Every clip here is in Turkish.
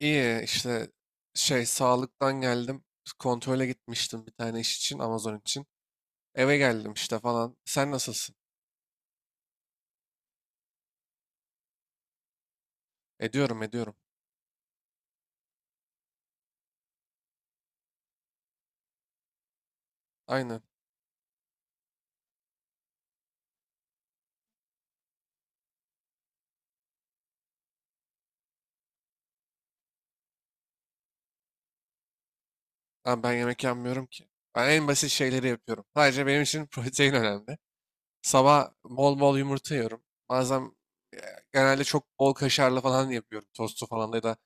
İyi işte şey sağlıktan geldim. Kontrole gitmiştim bir tane iş için Amazon için. Eve geldim işte falan. Sen nasılsın? Ediyorum ediyorum. Aynen. Ama ben yemek yapmıyorum ki. Ben en basit şeyleri yapıyorum. Sadece benim için protein önemli. Sabah bol bol yumurta yiyorum. Bazen e, genelde çok bol kaşarlı falan yapıyorum. Tostu falan da ya da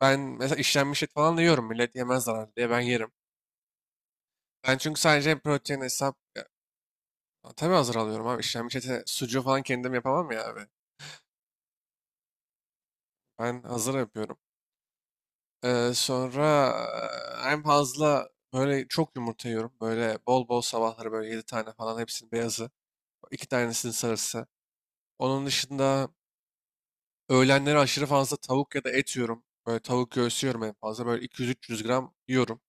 ben mesela işlenmiş et falan da yiyorum. Millet yemez zararlı diye ben yerim. Ben çünkü sadece protein hesap ya, tabii hazır alıyorum abi. İşlenmiş ete sucuğu falan kendim yapamam ya. Ben hazır yapıyorum. Sonra en fazla böyle çok yumurta yiyorum. Böyle bol bol sabahları böyle 7 tane falan hepsinin beyazı. İki tanesinin sarısı. Onun dışında öğlenleri aşırı fazla tavuk ya da et yiyorum. Böyle tavuk göğsü yiyorum en fazla. Böyle 200-300 gram yiyorum.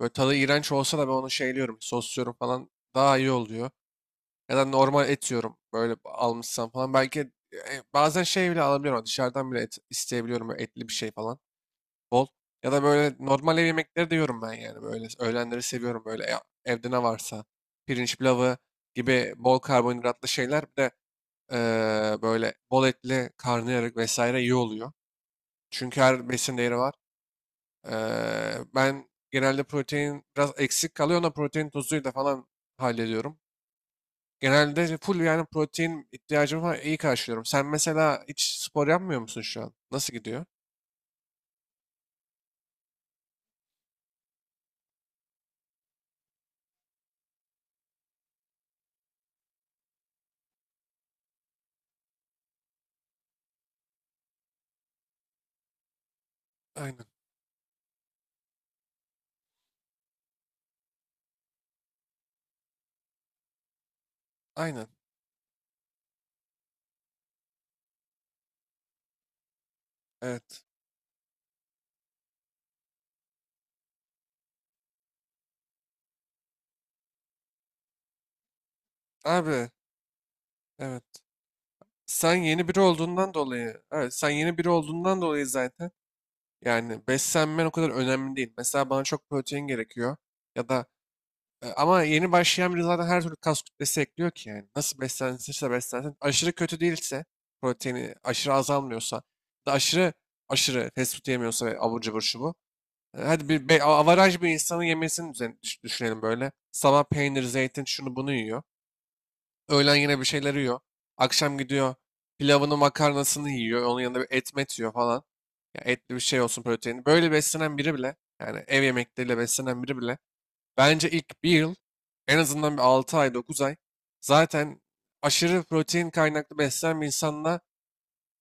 Böyle tadı iğrenç olsa da ben onu şeyliyorum. Sosluyorum falan daha iyi oluyor. Ya da normal et yiyorum. Böyle almışsam falan. Belki bazen şey bile alabiliyorum. Dışarıdan bile et isteyebiliyorum. Böyle etli bir şey falan. Bol. Ya da böyle normal ev yemekleri de yiyorum ben yani. Böyle öğlenleri seviyorum böyle evde ne varsa. Pirinç pilavı gibi bol karbonhidratlı şeyler bir de böyle bol etli karnıyarık vesaire iyi oluyor. Çünkü her besin değeri var. Ben genelde protein biraz eksik kalıyor. Ona protein tozuyla falan hallediyorum. Genelde full yani protein ihtiyacımı falan iyi karşılıyorum. Sen mesela hiç spor yapmıyor musun şu an? Nasıl gidiyor? Aynen. Aynen. Evet. Abi. Evet. Sen yeni biri olduğundan dolayı, evet sen yeni biri olduğundan dolayı zaten yani beslenmen o kadar önemli değil. Mesela bana çok protein gerekiyor ya da ama yeni başlayan biri zaten her türlü kas kütlesi ekliyor ki yani. Nasıl beslenirse beslensin aşırı kötü değilse proteini aşırı azalmıyorsa da aşırı aşırı fast food yemiyorsa ve abur cubur şu bu. Hadi bir be, avaraj bir insanın yemesini düşünelim böyle. Sabah peynir, zeytin şunu bunu yiyor. Öğlen yine bir şeyler yiyor. Akşam gidiyor pilavını makarnasını yiyor. Onun yanında bir et met yiyor falan. Ya etli bir şey olsun proteini. Böyle beslenen biri bile yani ev yemekleriyle beslenen biri bile bence ilk bir yıl en azından bir 6 ay 9 ay zaten aşırı protein kaynaklı beslenen bir insanla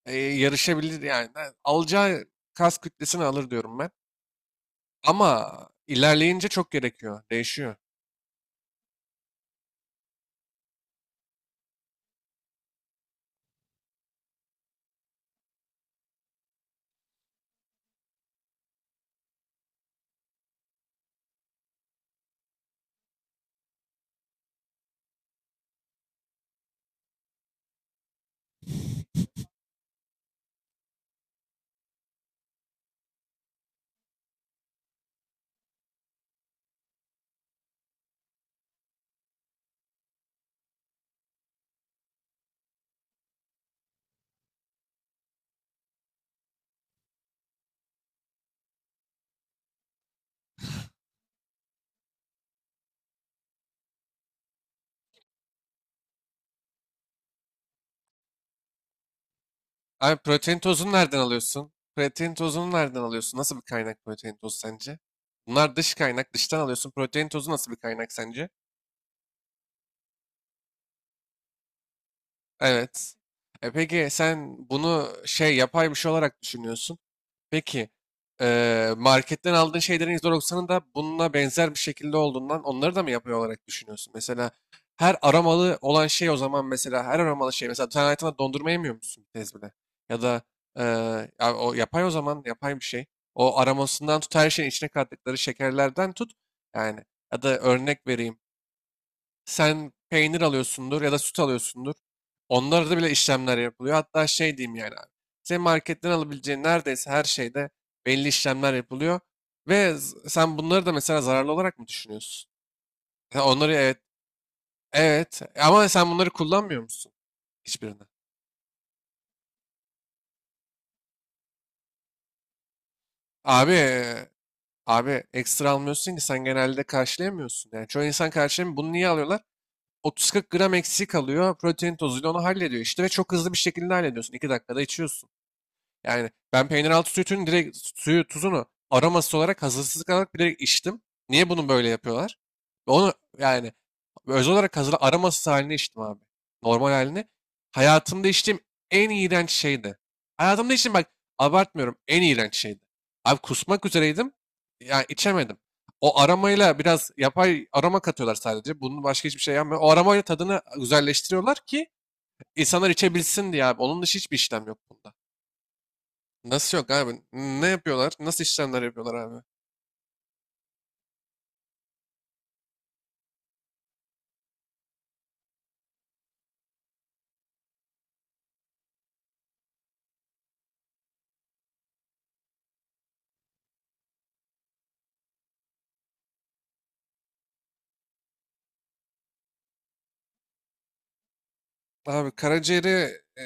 yarışabilir yani. Yani alacağı kas kütlesini alır diyorum ben. Ama ilerleyince çok gerekiyor. Değişiyor. Abi protein tozunu nereden alıyorsun? Protein tozunu nereden alıyorsun? Nasıl bir kaynak protein tozu sence? Bunlar dış kaynak, dıştan alıyorsun. Protein tozu nasıl bir kaynak sence? Evet. E peki sen bunu şey yapay bir şey olarak düşünüyorsun. Peki marketten aldığın şeylerin %90'ı da bununla benzer bir şekilde olduğundan onları da mı yapay olarak düşünüyorsun? Mesela her aromalı olan şey o zaman mesela her aromalı şey mesela sen hayatında dondurma yemiyor musun bir kez bile? Ya da ya o yapay o zaman yapay bir şey. O aromasından tut her şeyin içine kattıkları şekerlerden tut. Yani ya da örnek vereyim. Sen peynir alıyorsundur ya da süt alıyorsundur. Onlarda bile işlemler yapılıyor. Hatta şey diyeyim yani abi. Senin marketten alabileceğin neredeyse her şeyde belli işlemler yapılıyor. Ve sen bunları da mesela zararlı olarak mı düşünüyorsun? Ya onları evet, evet ama sen bunları kullanmıyor musun hiçbirini? Abi, e, abi ekstra almıyorsun ki sen genelde karşılayamıyorsun. Yani çoğu insan karşılayamıyor. Bunu niye alıyorlar? 30-40 gram eksik alıyor. Protein tozuyla onu hallediyor işte ve çok hızlı bir şekilde hallediyorsun. 2 dakikada içiyorsun. Yani ben peynir altı sütünün direkt suyu, tuzunu aroması olarak hazırsız olarak bilerek içtim. Niye bunu böyle yapıyorlar? Onu yani özel olarak hazır aromasız halini içtim abi. Normal halini. Hayatımda içtiğim en iğrenç şeydi. Hayatımda içtiğim bak abartmıyorum en iğrenç şeydi. Abi kusmak üzereydim. Yani içemedim. O aromayla biraz yapay aroma katıyorlar sadece. Bunun başka hiçbir şey yapmıyor. O aromayla tadını güzelleştiriyorlar ki insanlar içebilsin diye abi. Onun dışı hiçbir işlem yok bunda. Nasıl yok abi? Ne yapıyorlar? Nasıl işlemler yapıyorlar abi? Abi karaciğeri e,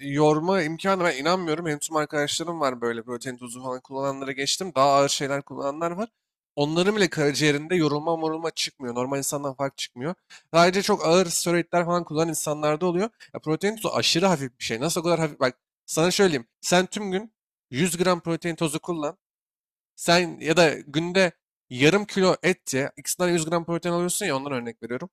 yorma imkanı ben inanmıyorum. Benim tüm arkadaşlarım var böyle protein tozu falan kullananlara geçtim. Daha ağır şeyler kullananlar var. Onların bile karaciğerinde yorulma morulma çıkmıyor. Normal insandan fark çıkmıyor. Ayrıca çok ağır steroidler falan kullanan insanlarda oluyor. Ya protein tozu aşırı hafif bir şey. Nasıl o kadar hafif? Bak sana söyleyeyim. Sen tüm gün 100 gram protein tozu kullan. Sen ya da günde yarım kilo et ye. İkisinden 100 gram protein alıyorsun ya ondan örnek veriyorum.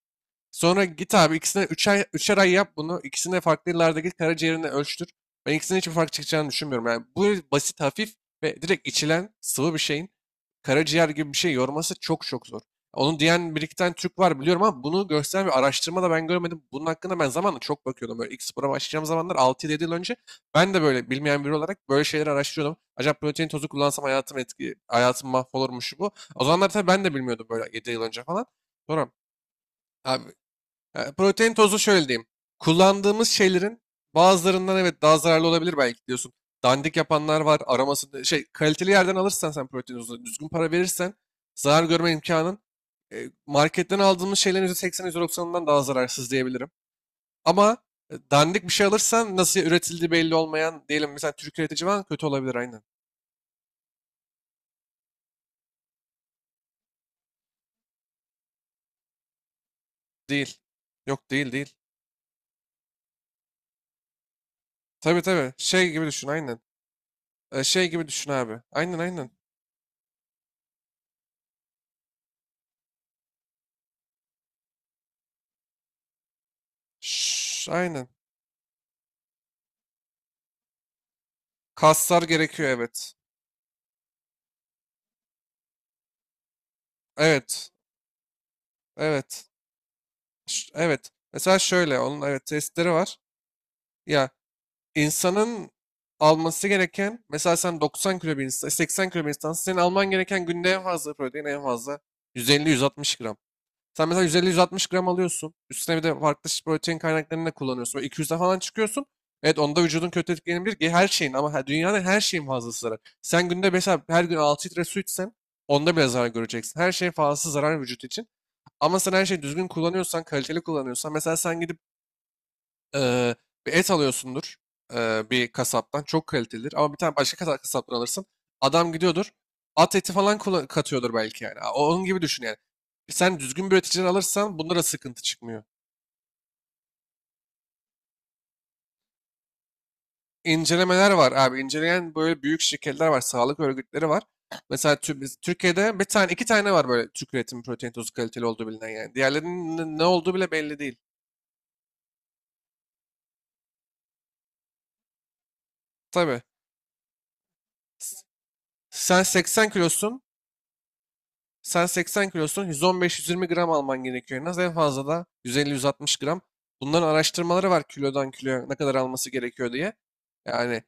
Sonra git abi ikisine üçer ay, üçer ay yap bunu. İkisine farklı yıllarda git karaciğerini ölçtür. Ben ikisinin hiçbir fark çıkacağını düşünmüyorum. Yani bu basit, hafif ve direkt içilen sıvı bir şeyin karaciğer gibi bir şey yorması çok çok zor. Onu diyen bir iki tane Türk var biliyorum ama bunu gösteren bir araştırma da ben görmedim. Bunun hakkında ben zamanla çok bakıyordum. Böyle ilk spora başlayacağım zamanlar 6-7 yıl önce ben de böyle bilmeyen biri olarak böyle şeyleri araştırıyordum. Acaba protein tozu kullansam hayatım mahvolur mu şu bu. O zamanlar tabii ben de bilmiyordum böyle 7 yıl önce falan. Sonra abi ya, protein tozu şöyle diyeyim. Kullandığımız şeylerin bazılarından evet daha zararlı olabilir belki diyorsun. Dandik yapanlar var. Aroması şey kaliteli yerden alırsan sen protein tozunu düzgün para verirsen zarar görme imkanın marketten aldığımız şeylerin %80 yüzde %90'ından daha zararsız diyebilirim. Ama dandik bir şey alırsan nasıl üretildiği belli olmayan diyelim mesela Türk üretici var kötü olabilir aynen. Değil. Yok değil değil. Tabii tabii. Şey gibi düşün aynen. Şey gibi düşün abi. Aynen aynen. Şşş, aynen. Kaslar gerekiyor evet. Evet. Evet. Evet. Mesela şöyle onun evet testleri var. Ya insanın alması gereken mesela sen 90 kilo bir insan, 80 kilo bir insansın. Senin alman gereken günde en fazla protein en fazla 150-160 gram. Sen mesela 150-160 gram alıyorsun. Üstüne bir de farklı protein kaynaklarını da kullanıyorsun. Böyle 200'e falan çıkıyorsun. Evet onda vücudun kötü etkilenebilir. Her şeyin ama dünyanın her şeyin fazlası zarar. Sen günde mesela her gün 6 litre su içsen onda bile zarar göreceksin. Her şeyin fazlası zarar vücut için. Ama sen her şeyi düzgün kullanıyorsan, kaliteli kullanıyorsan mesela sen gidip eee, bir et alıyorsundur bir kasaptan. Çok kalitelidir ama bir tane başka kasaptan alırsın. Adam gidiyordur. At eti falan katıyordur belki yani. Onun gibi düşün yani. Sen düzgün bir üreticiden alırsan bunlara sıkıntı çıkmıyor. İncelemeler var abi. İnceleyen böyle büyük şirketler var. Sağlık örgütleri var. Mesela Türkiye'de bir tane iki tane var böyle Türk üretimi protein tozu kaliteli olduğu bilinen yani. Diğerlerinin ne ne olduğu bile belli değil. Tabii. S- Sen 80 kilosun. Sen 80 kilosun 115-120 gram alman gerekiyor en az. En fazla da 150-160 gram. Bunların araştırmaları var kilodan kiloya ne kadar alması gerekiyor diye. Yani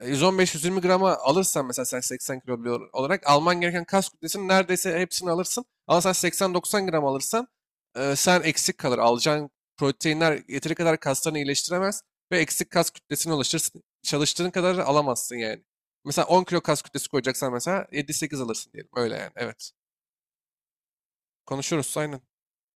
115-120 grama alırsan mesela sen 80 kilo olarak alman gereken kas kütlesinin neredeyse hepsini alırsın. Ama sen 80-90 gram alırsan sen eksik kalır. Alacağın proteinler yeteri kadar kaslarını iyileştiremez ve eksik kas kütlesini oluşturursun. Çalıştığın kadar alamazsın yani. Mesela 10 kilo kas kütlesi koyacaksan mesela 7-8 alırsın diyelim. Öyle yani. Evet. Konuşuruz aynen.